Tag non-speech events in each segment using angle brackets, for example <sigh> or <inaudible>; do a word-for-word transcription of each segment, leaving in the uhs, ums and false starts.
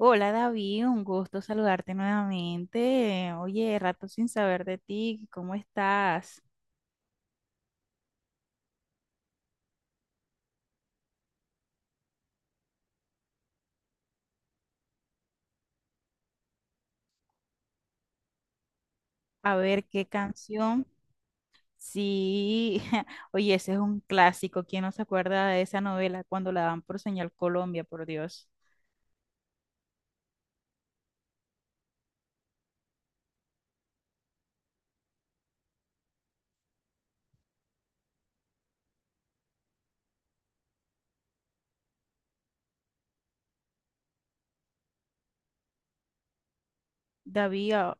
Hola David, un gusto saludarte nuevamente. Oye, rato sin saber de ti, ¿cómo estás? A ver qué canción. Sí, <laughs> oye, ese es un clásico. ¿Quién no se acuerda de esa novela cuando la dan por Señal Colombia, por Dios? David, a-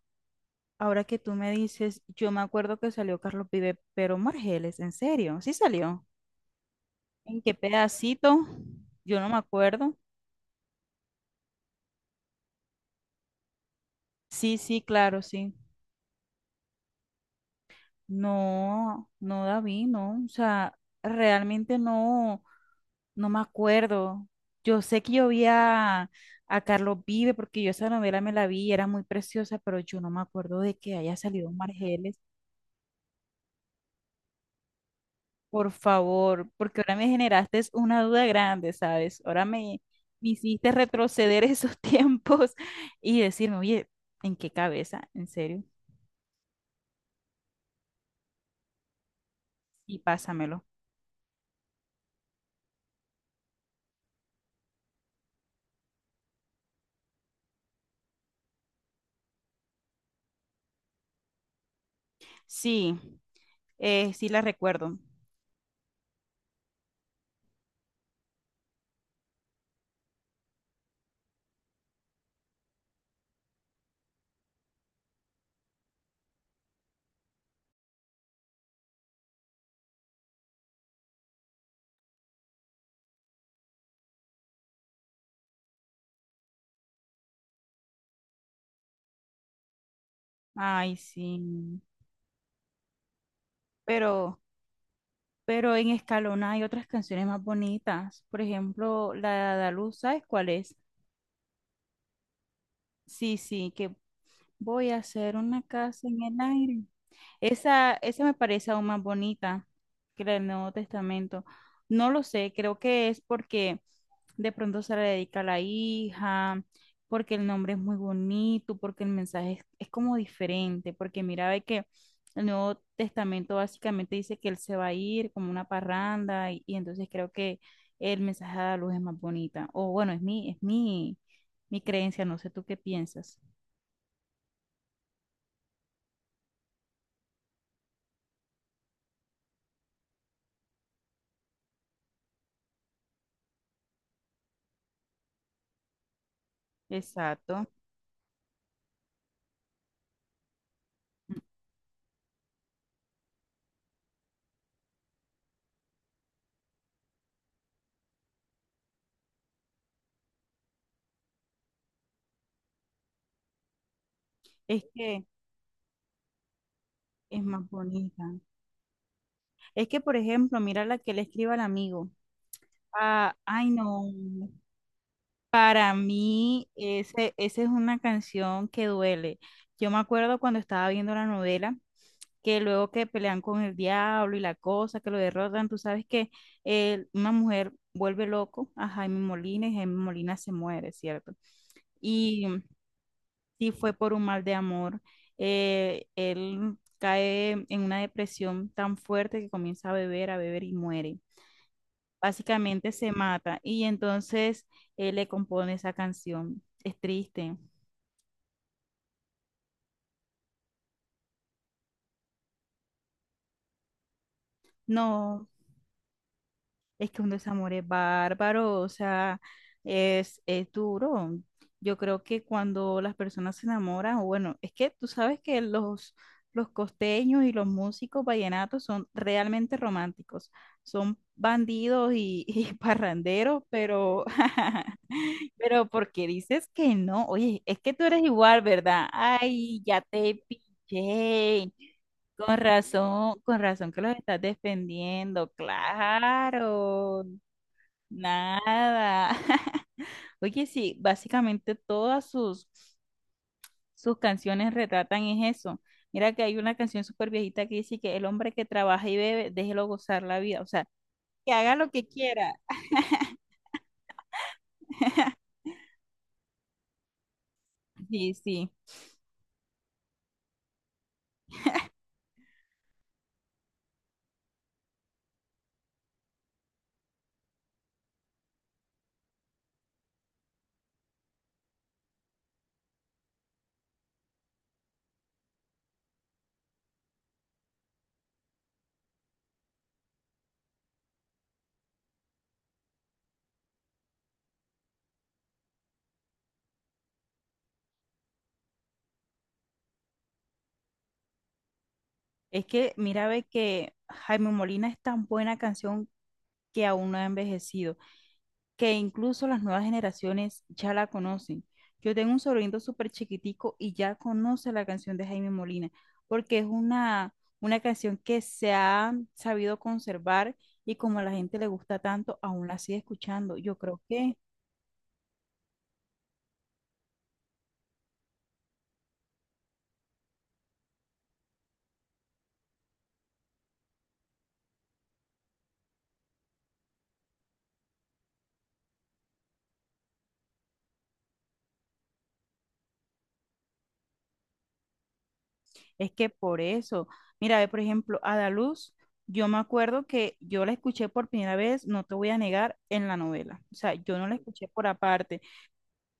ahora que tú me dices, yo me acuerdo que salió Carlos Vive, pero Margeles, ¿en serio? ¿Sí salió? ¿En qué pedacito? Yo no me acuerdo. Sí, sí, claro, sí. No, no, David, no. O sea, realmente no, no me acuerdo. Yo sé que yo vi a, a Carlos Vive porque yo esa novela me la vi y era muy preciosa, pero yo no me acuerdo de que haya salido Margeles. Por favor, porque ahora me generaste es una duda grande, ¿sabes? Ahora me, me hiciste retroceder esos <laughs> tiempos y decirme, oye, ¿en qué cabeza? ¿En serio? Y pásamelo. Sí, eh, sí la recuerdo. Ay, sí. Pero, pero en Escalona hay otras canciones más bonitas. Por ejemplo, la de Adaluz, ¿sabes cuál es? Sí, sí, que voy a hacer una casa en el aire. Esa, esa me parece aún más bonita que la del Nuevo Testamento. No lo sé, creo que es porque de pronto se le dedica a la hija, porque el nombre es muy bonito, porque el mensaje es, es como diferente, porque mira, ve que el Nuevo Testamento básicamente dice que él se va a ir como una parranda y, y entonces creo que el mensaje de la luz es más bonita. O bueno, es mi, es mi, mi creencia, no sé tú qué piensas. Exacto. Es que es más bonita. Es que, por ejemplo, mira la que le escribe al amigo. Ah, ay, no. Para mí, ese, esa es una canción que duele. Yo me acuerdo cuando estaba viendo la novela, que luego que pelean con el diablo y la cosa, que lo derrotan, tú sabes que eh, una mujer vuelve loco a Jaime Molina y Jaime Molina se muere, ¿cierto? Y sí fue por un mal de amor. Eh, él cae en una depresión tan fuerte que comienza a beber, a beber y muere, básicamente se mata, y entonces él le compone esa canción. Es triste. No, es que un desamor es bárbaro, o sea, es, es duro. Yo creo que cuando las personas se enamoran, o bueno, es que tú sabes que los, los costeños y los músicos vallenatos son realmente románticos. Son bandidos y, y <laughs> parranderos, pero <laughs> ¿Pero porque dices que no? Oye, es que tú eres igual, ¿verdad? Ay, ya te pillé. Con razón, con razón que los estás defendiendo. Claro, nada. <laughs> Oye, sí, básicamente todas sus, sus canciones retratan es eso. Mira que hay una canción súper viejita que dice que el hombre que trabaja y bebe, déjelo gozar la vida. O sea, que haga lo que quiera. Sí, sí. Es que mira, ve que Jaime Molina es tan buena canción que aún no ha envejecido, que incluso las nuevas generaciones ya la conocen. Yo tengo un sobrino súper chiquitico y ya conoce la canción de Jaime Molina, porque es una, una canción que se ha sabido conservar y como a la gente le gusta tanto, aún la sigue escuchando. Yo creo que es que por eso, mira, ve por ejemplo, Adaluz, yo me acuerdo que yo la escuché por primera vez, no te voy a negar, en la novela. O sea, yo no la escuché por aparte.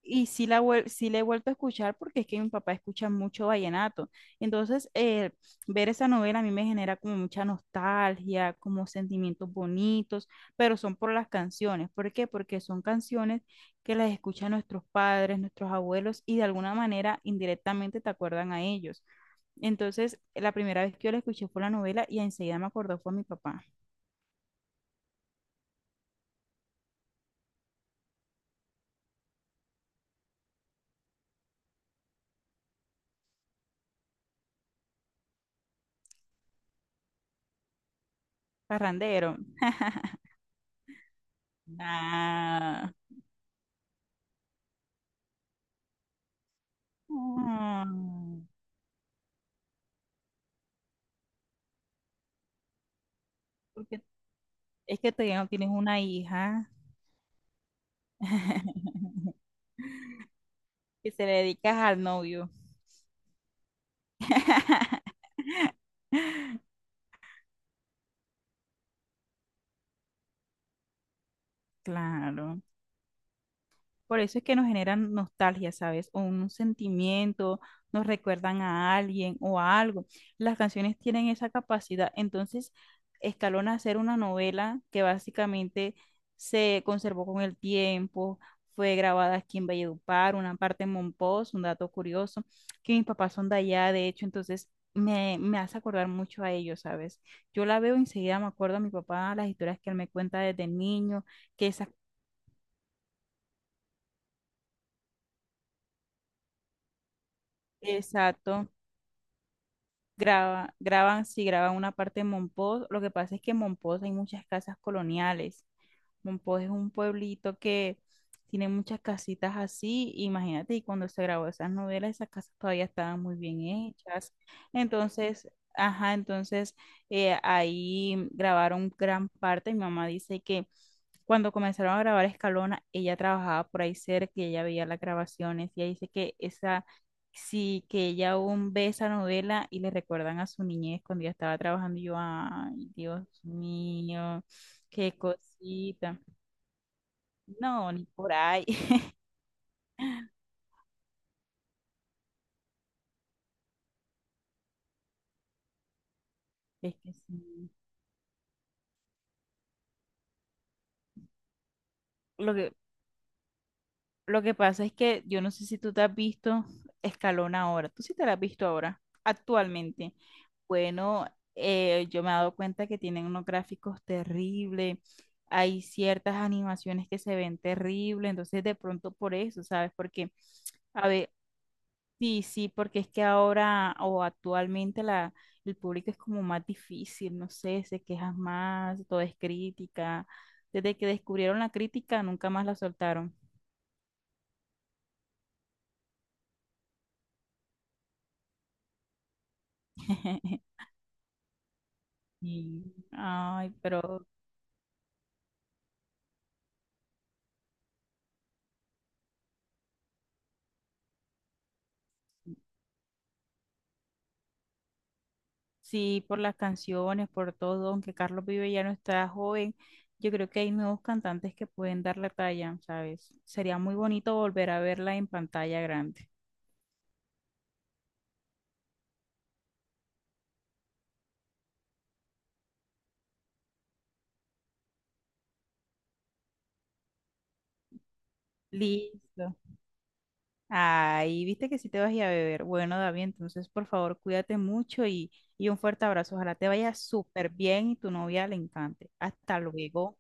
Y sí, la, vuel- sí la he vuelto a escuchar porque es que mi papá escucha mucho vallenato. Entonces, eh, ver esa novela a mí me genera como mucha nostalgia, como sentimientos bonitos, pero son por las canciones. ¿Por qué? Porque son canciones que las escuchan nuestros padres, nuestros abuelos y de alguna manera indirectamente te acuerdan a ellos. Entonces, la primera vez que yo la escuché fue la novela y enseguida me acordó fue a mi papá. Parrandero. Ah. Ah. ¿Por qué es que todavía no tienes una hija <laughs> que se le dedicas al novio? Claro. Por eso es que nos generan nostalgia, ¿sabes? O un sentimiento, nos recuerdan a alguien o a algo. Las canciones tienen esa capacidad. Entonces, Escalona hacer una novela que básicamente se conservó con el tiempo, fue grabada aquí en Valledupar, una parte en Monpós, un dato curioso, que mis papás son de allá, de hecho, entonces me, me hace acordar mucho a ellos, ¿sabes? Yo la veo enseguida, me acuerdo a mi papá, las historias que él me cuenta desde niño, que esa, exacto. Graba, graban, sí, graban una parte de Monpós. Lo que pasa es que en Monpós hay muchas casas coloniales. Monpós es un pueblito que tiene muchas casitas así. Imagínate, y cuando se grabó esas novelas, esas casas todavía estaban muy bien hechas. Entonces, ajá, entonces eh, ahí grabaron gran parte. Mi mamá dice que cuando comenzaron a grabar Escalona, ella trabajaba por ahí cerca y ella veía las grabaciones. Y ella dice que ese... Sí, que ella aún ve esa novela y le recuerdan a su niñez cuando ella estaba trabajando. Y yo, ay, Dios mío, qué cosita. No, ni por ahí. <laughs> Es que sí. Lo que, lo que pasa es que yo no sé si tú te has visto Escalón ahora. Tú sí te la has visto ahora, actualmente. Bueno, eh, yo me he dado cuenta que tienen unos gráficos terribles. Hay ciertas animaciones que se ven terribles. Entonces, de pronto por eso, ¿sabes? Porque. a ve- Sí, sí, porque es que ahora o actualmente la, el público es como más difícil, no sé, se quejan más, todo es crítica. Desde que descubrieron la crítica, nunca más la soltaron. <laughs> Y, ay, pero sí, por las canciones, por todo, aunque Carlos Vive ya no está joven, yo creo que hay nuevos cantantes que pueden dar la talla, ¿sabes? Sería muy bonito volver a verla en pantalla grande. Listo. Ay, viste que sí te vas a ir a beber. Bueno, David, entonces por favor cuídate mucho y, y un fuerte abrazo. Ojalá te vaya súper bien y tu novia le encante. Hasta luego.